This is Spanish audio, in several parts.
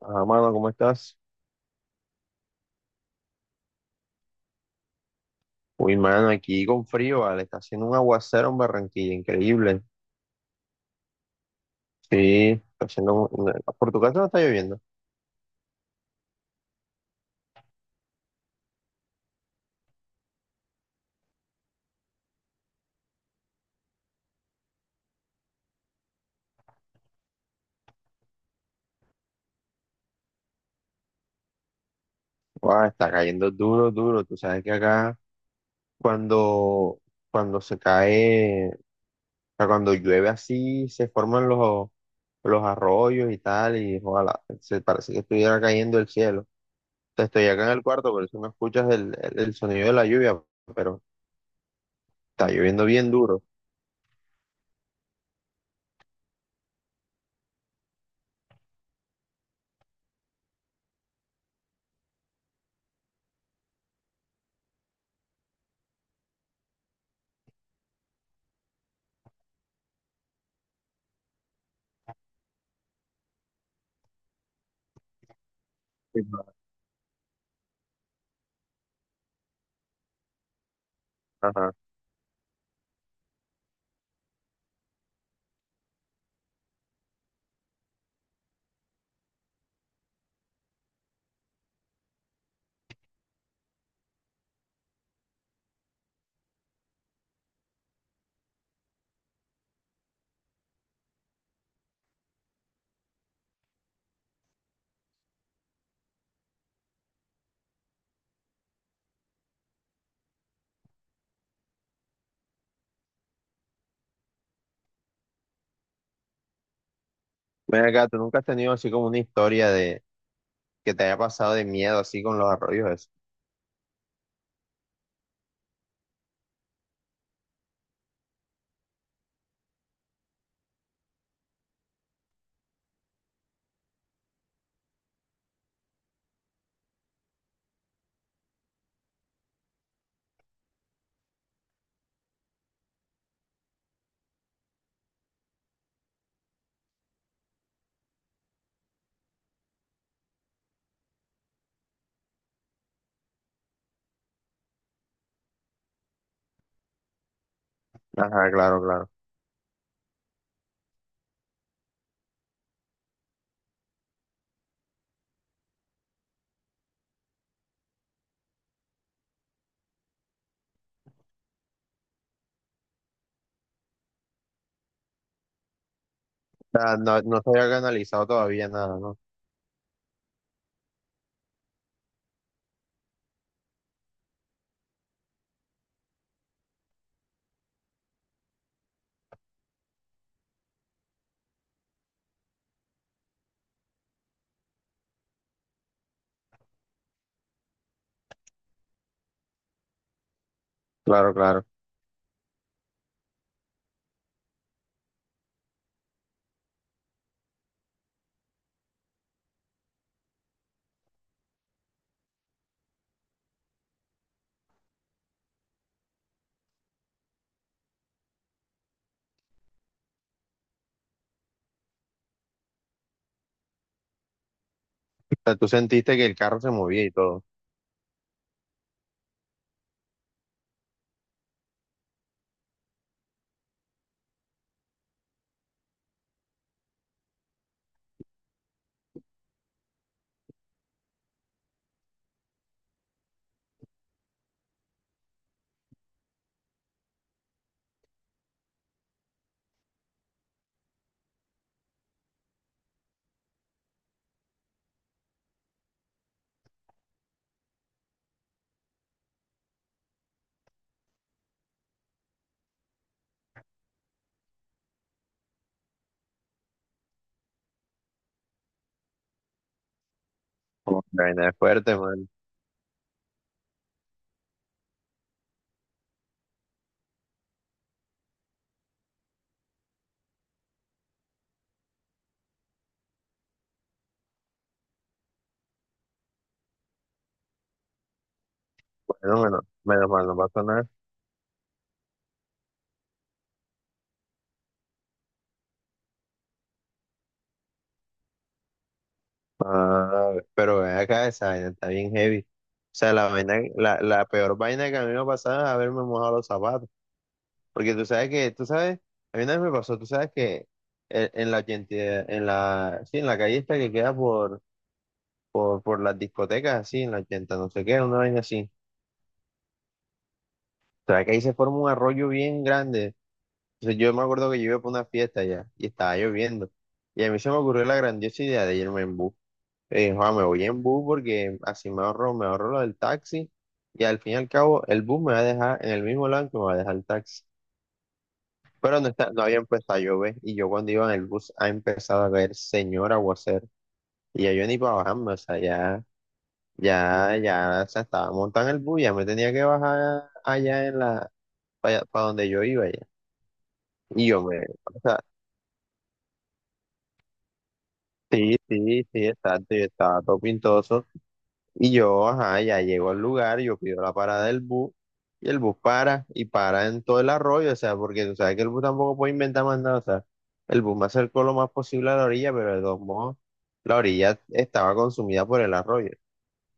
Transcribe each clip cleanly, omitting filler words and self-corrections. Ah, mano, ¿cómo estás? Uy, mano, aquí con frío, vale. Está haciendo un aguacero en Barranquilla, increíble. Sí, está haciendo por tu casa no está lloviendo. Guau, está cayendo duro, duro. Tú sabes que acá cuando, cuando se cae, o sea, cuando llueve así, se forman los arroyos y tal, y ojalá, se parece que estuviera cayendo el cielo. Te estoy acá en el cuarto, por eso no escuchas el sonido de la lluvia, pero está lloviendo bien duro. Sí, ajá. Ven acá, ¿tú nunca has tenido así como una historia de que te haya pasado de miedo así con los arroyos? ¿Eso? Ajá, claro, claro. O sea, no, no se había analizado todavía nada, ¿no? Claro, claro. O sea, tú sentiste que el carro se movía y todo. Como que la vaina es fuerte, man. Bueno, menos, menos mal, no pasó nada. Ah, pero ven acá, esa vaina está bien heavy. O sea, la vaina, la peor vaina que a mí me pasaba es haberme mojado los zapatos. Porque tú sabes que, tú sabes, a mí una vez me pasó, tú sabes que 80 en la, sí, en la calle esta que queda por las discotecas así, en la 80, no sé qué, una vaina así. O sea, que ahí se forma un arroyo bien grande. Entonces yo me acuerdo que yo iba para una fiesta allá y estaba lloviendo. Y a mí se me ocurrió la grandiosa idea de irme en bus. "Joa, me voy en bus porque así me ahorro lo del taxi y al fin y al cabo el bus me va a dejar en el mismo lado que me va a dejar el taxi. Pero no, está, no había empezado a llover y yo cuando iba en el bus ha empezado a caer señor aguacero y ya yo ni para bajarme, o sea, ya ya, ya se estaba montando el bus, ya me tenía que bajar allá en para, donde yo iba ya. Y o sea, sí, sí, sí, exacto, yo estaba todo pintoso. Y yo, ajá, ya llego al lugar, yo pido la parada del bus, y el bus para, y para en todo el arroyo, o sea, porque tú sabes que el bus tampoco puede inventar más nada, o sea, el bus me acercó lo más posible a la orilla, pero de todos modos, la orilla estaba consumida por el arroyo.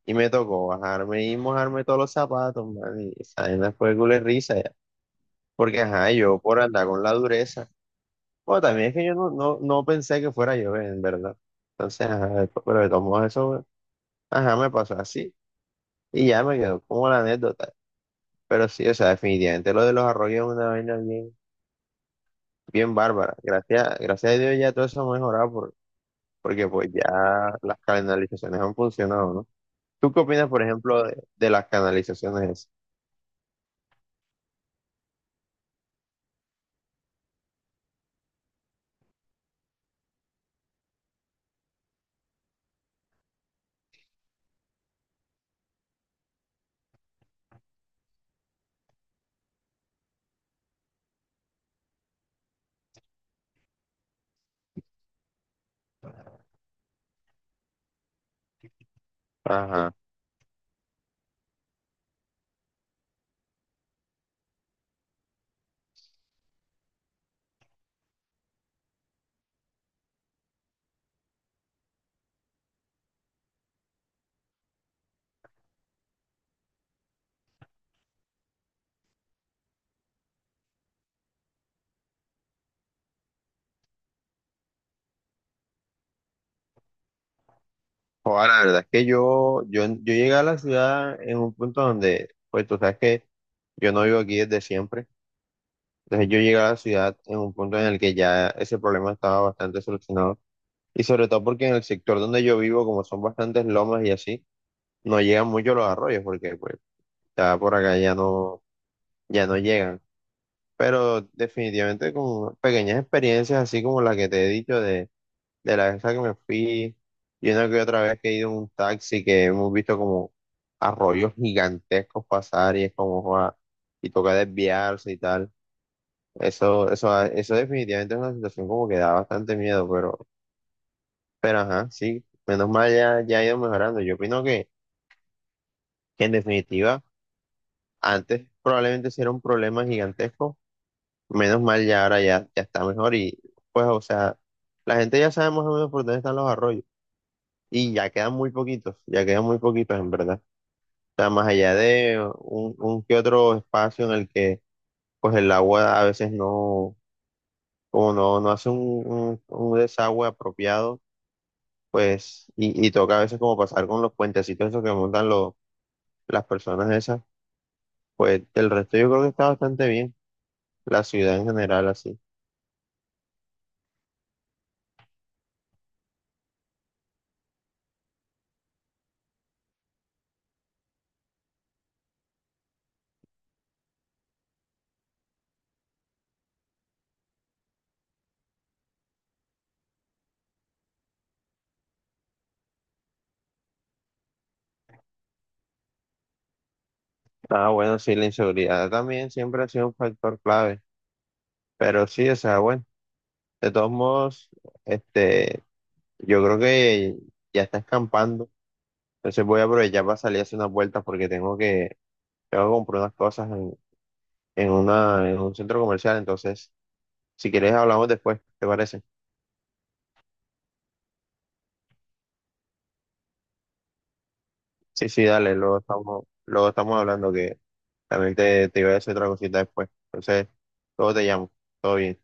Y me tocó bajarme y mojarme todos los zapatos, man, y esa vaina fue culo de risa. Porque, ajá, yo por andar con la dureza. Bueno, también es que yo no pensé que fuera yo, en verdad. Entonces, ajá, pero de todos modos eso, ajá, me pasó así. Y ya me quedó como la anécdota. Pero sí, o sea, definitivamente lo de los arroyos es una vaina bien, bien bárbara. Gracias, gracias a Dios ya todo eso ha mejorado porque pues ya las canalizaciones han funcionado, ¿no? ¿Tú qué opinas, por ejemplo, de las canalizaciones esas? Ajá. Ahora la verdad es que yo llegué a la ciudad en un punto donde, pues tú sabes que yo no vivo aquí desde siempre. Entonces yo llegué a la ciudad en un punto en el que ya ese problema estaba bastante solucionado. Y sobre todo porque en el sector donde yo vivo, como son bastantes lomas y así, no llegan mucho los arroyos porque pues ya por acá ya no, ya no llegan. Pero definitivamente con pequeñas experiencias así como la que te he dicho de la vez a que me fui y una que otra vez que he ido en un taxi que hemos visto como arroyos gigantescos pasar y es como "Joa", y toca desviarse y tal. Eso definitivamente es una situación como que da bastante miedo, pero ajá, sí, menos mal ya, ya ha ido mejorando. Yo opino que en definitiva, antes probablemente sí era un problema gigantesco, menos mal ya ahora ya, ya está mejor y pues, o sea, la gente ya sabe más o menos por dónde están los arroyos y ya quedan muy poquitos, ya quedan muy poquitos en verdad. O sea, más allá de un que otro espacio en el que pues el agua a veces no, como no, no hace un desagüe apropiado pues, y toca a veces como pasar con los puentecitos esos que montan las personas esas, pues del resto yo creo que está bastante bien, la ciudad en general así. Ah, bueno, sí, la inseguridad también siempre ha sido un factor clave, pero sí, o sea, bueno, de todos modos, este, yo creo que ya está escampando, entonces voy a aprovechar para salir a hacer unas vueltas porque tengo que comprar unas cosas en una, en un centro comercial, entonces, si quieres hablamos después, ¿te parece? Sí, sí, dale, luego estamos hablando que también te iba a decir otra cosita después. Entonces, luego te llamo. Todo bien.